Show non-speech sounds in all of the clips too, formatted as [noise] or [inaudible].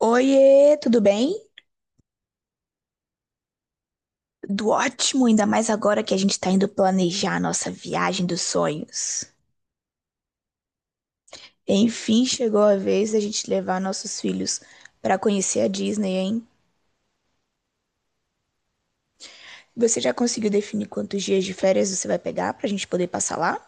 Oiê, tudo bem? Tudo ótimo, ainda mais agora que a gente tá indo planejar a nossa viagem dos sonhos. Enfim, chegou a vez da gente levar nossos filhos pra conhecer a Disney, hein? Você já conseguiu definir quantos dias de férias você vai pegar pra gente poder passar lá?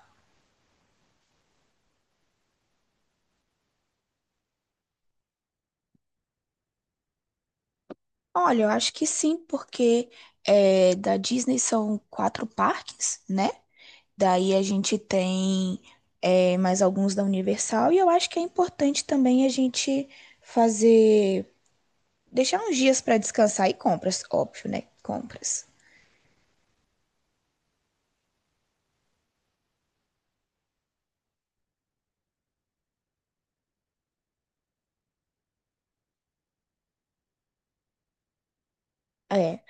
Olha, eu acho que sim, porque da Disney são quatro parques, né? Daí a gente tem mais alguns da Universal e eu acho que é importante também a gente fazer deixar uns dias para descansar e compras, óbvio, né? Compras. É.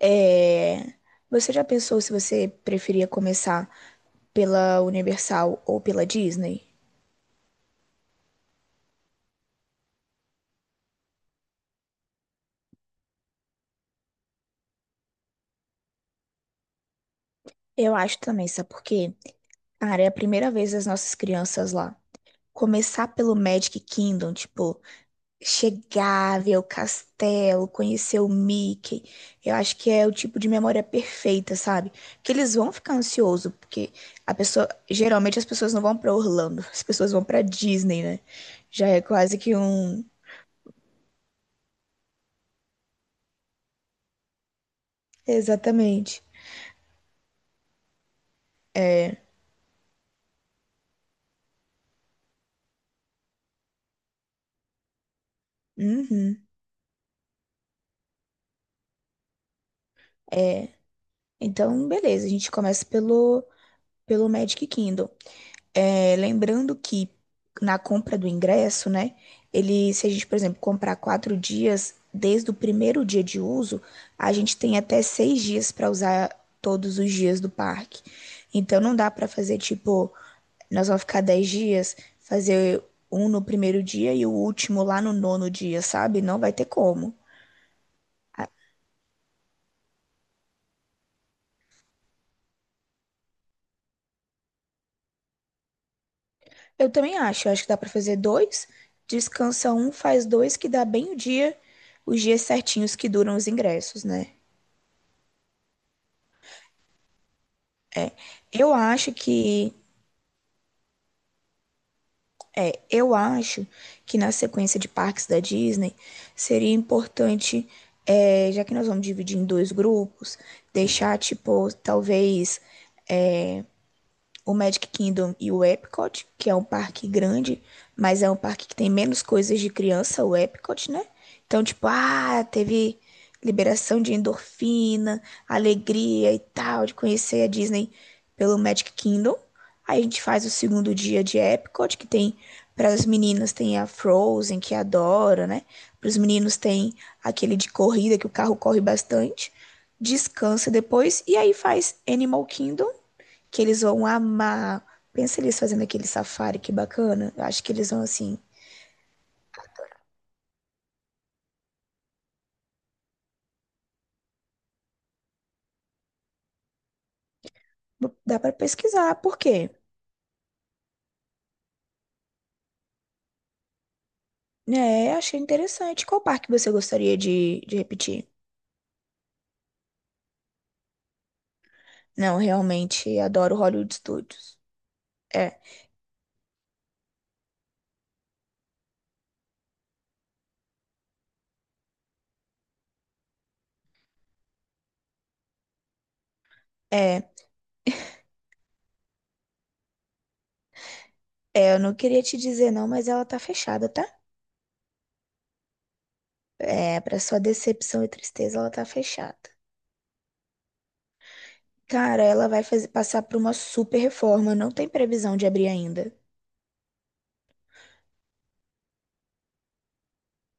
É. Você já pensou se você preferia começar pela Universal ou pela Disney? Eu acho também, sabe por quê? Cara, é a primeira vez das nossas crianças lá. Começar pelo Magic Kingdom, tipo, chegar, ver o castelo, conhecer o Mickey. Eu acho que é o tipo de memória perfeita, sabe? Que eles vão ficar ansiosos, porque geralmente as pessoas não vão pra Orlando, [laughs] as pessoas vão pra Disney, né? Já é quase que um, exatamente. É, uhum. É. Então, beleza, a gente começa pelo Magic Kingdom. É, lembrando que na compra do ingresso, né? Ele, se a gente, por exemplo, comprar 4 dias, desde o primeiro dia de uso, a gente tem até 6 dias para usar todos os dias do parque. Então não dá para fazer tipo, nós vamos ficar 10 dias, fazer um no primeiro dia e o último lá no nono dia, sabe? Não vai ter como. Eu também acho, eu acho que dá para fazer dois, descansa um, faz dois, que dá bem o dia, os dias certinhos que duram os ingressos, né? Eu acho que eu acho que na sequência de parques da Disney seria importante, é, já que nós vamos dividir em dois grupos, deixar tipo talvez é, o Magic Kingdom e o Epcot, que é um parque grande, mas é um parque que tem menos coisas de criança, o Epcot, né? Então, tipo, ah, teve liberação de endorfina, alegria e tal, de conhecer a Disney pelo Magic Kingdom. Aí a gente faz o segundo dia de Epcot, que tem para as meninas tem a Frozen, que adora, né? Para os meninos tem aquele de corrida que o carro corre bastante. Descansa depois e aí faz Animal Kingdom que eles vão amar. Pensa eles fazendo aquele safari, que bacana. Eu acho que eles vão assim. Dá pra pesquisar, por quê? É, achei interessante. Qual parque você gostaria de repetir? Não, realmente adoro Hollywood Studios. É, é, é, eu não queria te dizer não, mas ela tá fechada, tá? É, pra sua decepção e tristeza, ela tá fechada. Cara, ela vai fazer, passar por uma super reforma, não tem previsão de abrir ainda.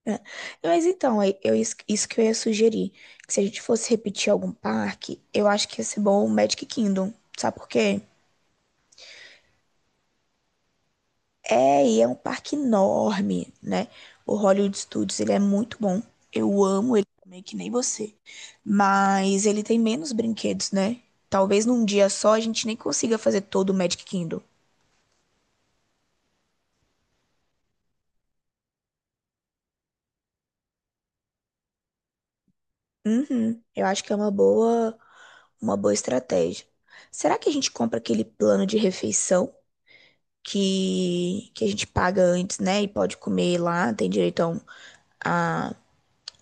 É. Mas então, é- eu, isso que eu ia sugerir, que se a gente fosse repetir algum parque, eu acho que ia ser bom o Magic Kingdom, sabe por quê? É, e é um parque enorme, né? O Hollywood Studios, ele é muito bom, eu amo ele também, que nem você, mas ele tem menos brinquedos, né? Talvez num dia só a gente nem consiga fazer todo o Magic Kingdom. Uhum, eu acho que é uma boa estratégia. Será que a gente compra aquele plano de refeição? Que a gente paga antes, né? E pode comer lá, tem direito a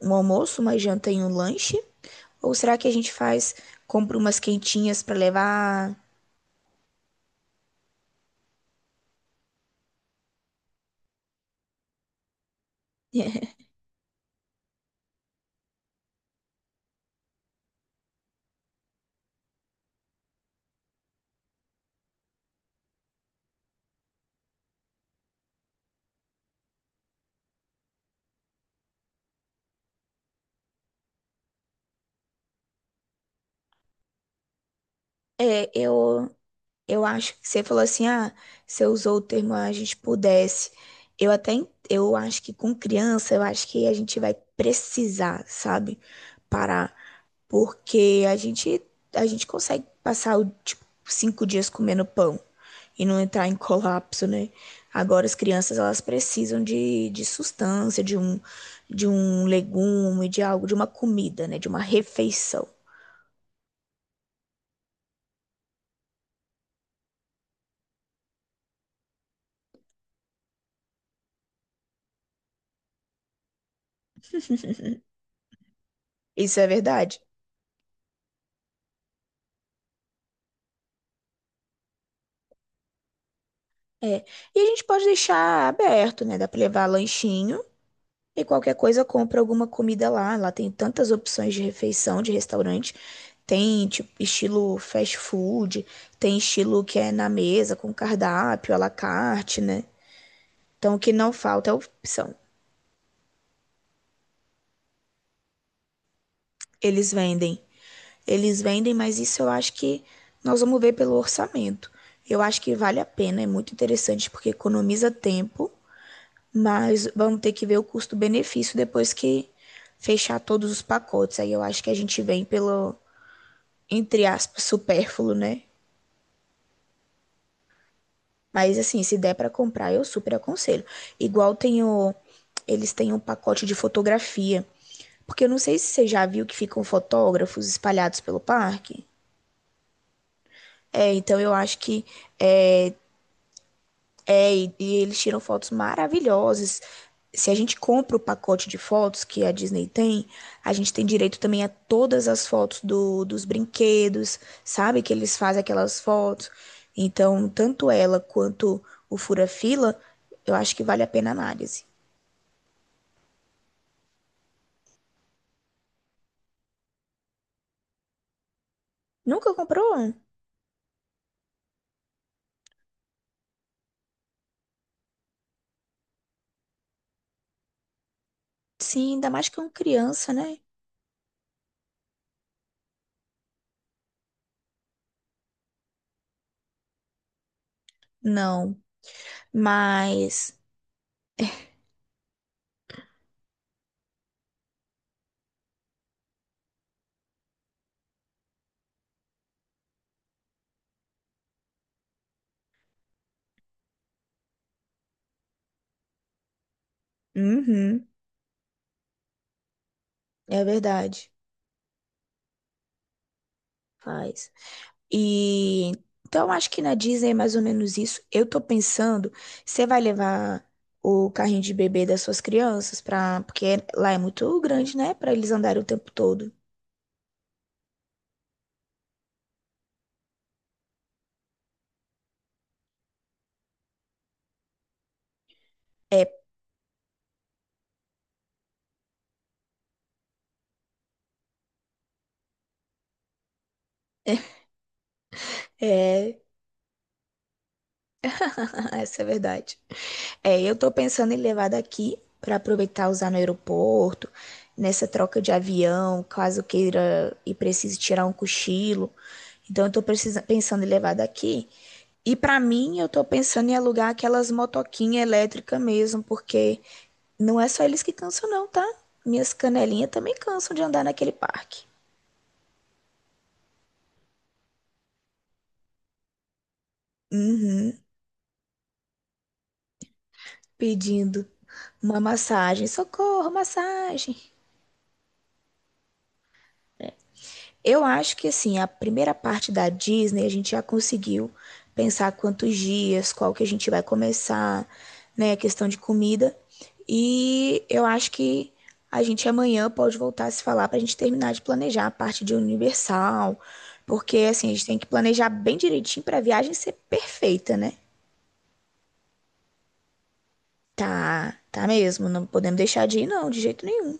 um almoço, uma janta e um lanche? Ou será que a gente compra umas quentinhas pra levar? [laughs] É, eu acho que você falou assim, ah, você usou o termo a gente pudesse. Eu acho que com criança, eu acho que a gente vai precisar, sabe? Parar porque a gente consegue passar o, tipo, 5 dias comendo pão e não entrar em colapso, né? Agora as crianças elas precisam de sustância, de um legume, de algo, de uma comida, né? De uma refeição. Isso é verdade? É. E a gente pode deixar aberto, né? Dá para levar lanchinho. E qualquer coisa, compra alguma comida lá. Lá tem tantas opções de refeição, de restaurante. Tem, tipo, estilo fast food, tem estilo que é na mesa, com cardápio, à la carte, né? Então, o que não falta é opção. Eles vendem. Eles vendem, mas isso eu acho que nós vamos ver pelo orçamento. Eu acho que vale a pena, é muito interessante, porque economiza tempo, mas vamos ter que ver o custo-benefício depois que fechar todos os pacotes. Aí eu acho que a gente vem pelo entre aspas, supérfluo, né? Mas assim, se der pra comprar, eu super aconselho. Igual tem o, eles têm um pacote de fotografia. Porque eu não sei se você já viu que ficam fotógrafos espalhados pelo parque. É, então eu acho que é, É, e eles tiram fotos maravilhosas. Se a gente compra o pacote de fotos que a Disney tem, a gente tem direito também a todas as fotos dos brinquedos, sabe? Que eles fazem aquelas fotos. Então, tanto ela quanto o Fura-Fila, eu acho que vale a pena a análise. Nunca comprou? Sim, ainda mais que é uma criança, né? Não. Mas. Uhum, é verdade. Faz. E então acho que na Disney é mais ou menos isso. Eu tô pensando, você vai levar o carrinho de bebê das suas crianças para, porque lá é muito grande, né, pra eles andarem o tempo todo. É, [laughs] essa é a verdade. É, eu tô pensando em levar daqui pra aproveitar e usar no aeroporto, nessa troca de avião, caso queira e precise tirar um cochilo. Então eu tô pensando em levar daqui. E para mim, eu tô pensando em alugar aquelas motoquinhas elétricas mesmo, porque não é só eles que cansam, não, tá? Minhas canelinhas também cansam de andar naquele parque. Uhum, pedindo uma massagem. Socorro, massagem. Eu acho que assim, a primeira parte da Disney a gente já conseguiu pensar quantos dias, qual que a gente vai começar, né, a questão de comida. E eu acho que a gente amanhã pode voltar a se falar para a gente terminar de planejar a parte de Universal, porque assim, a gente tem que planejar bem direitinho para a viagem ser perfeita, né? Tá, tá mesmo, não podemos deixar de ir não, de jeito nenhum.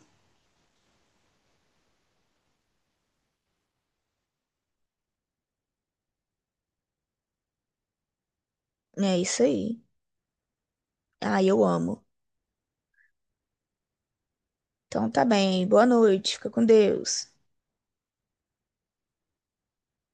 É isso aí. Ah, eu amo. Então tá bem, boa noite, fica com Deus.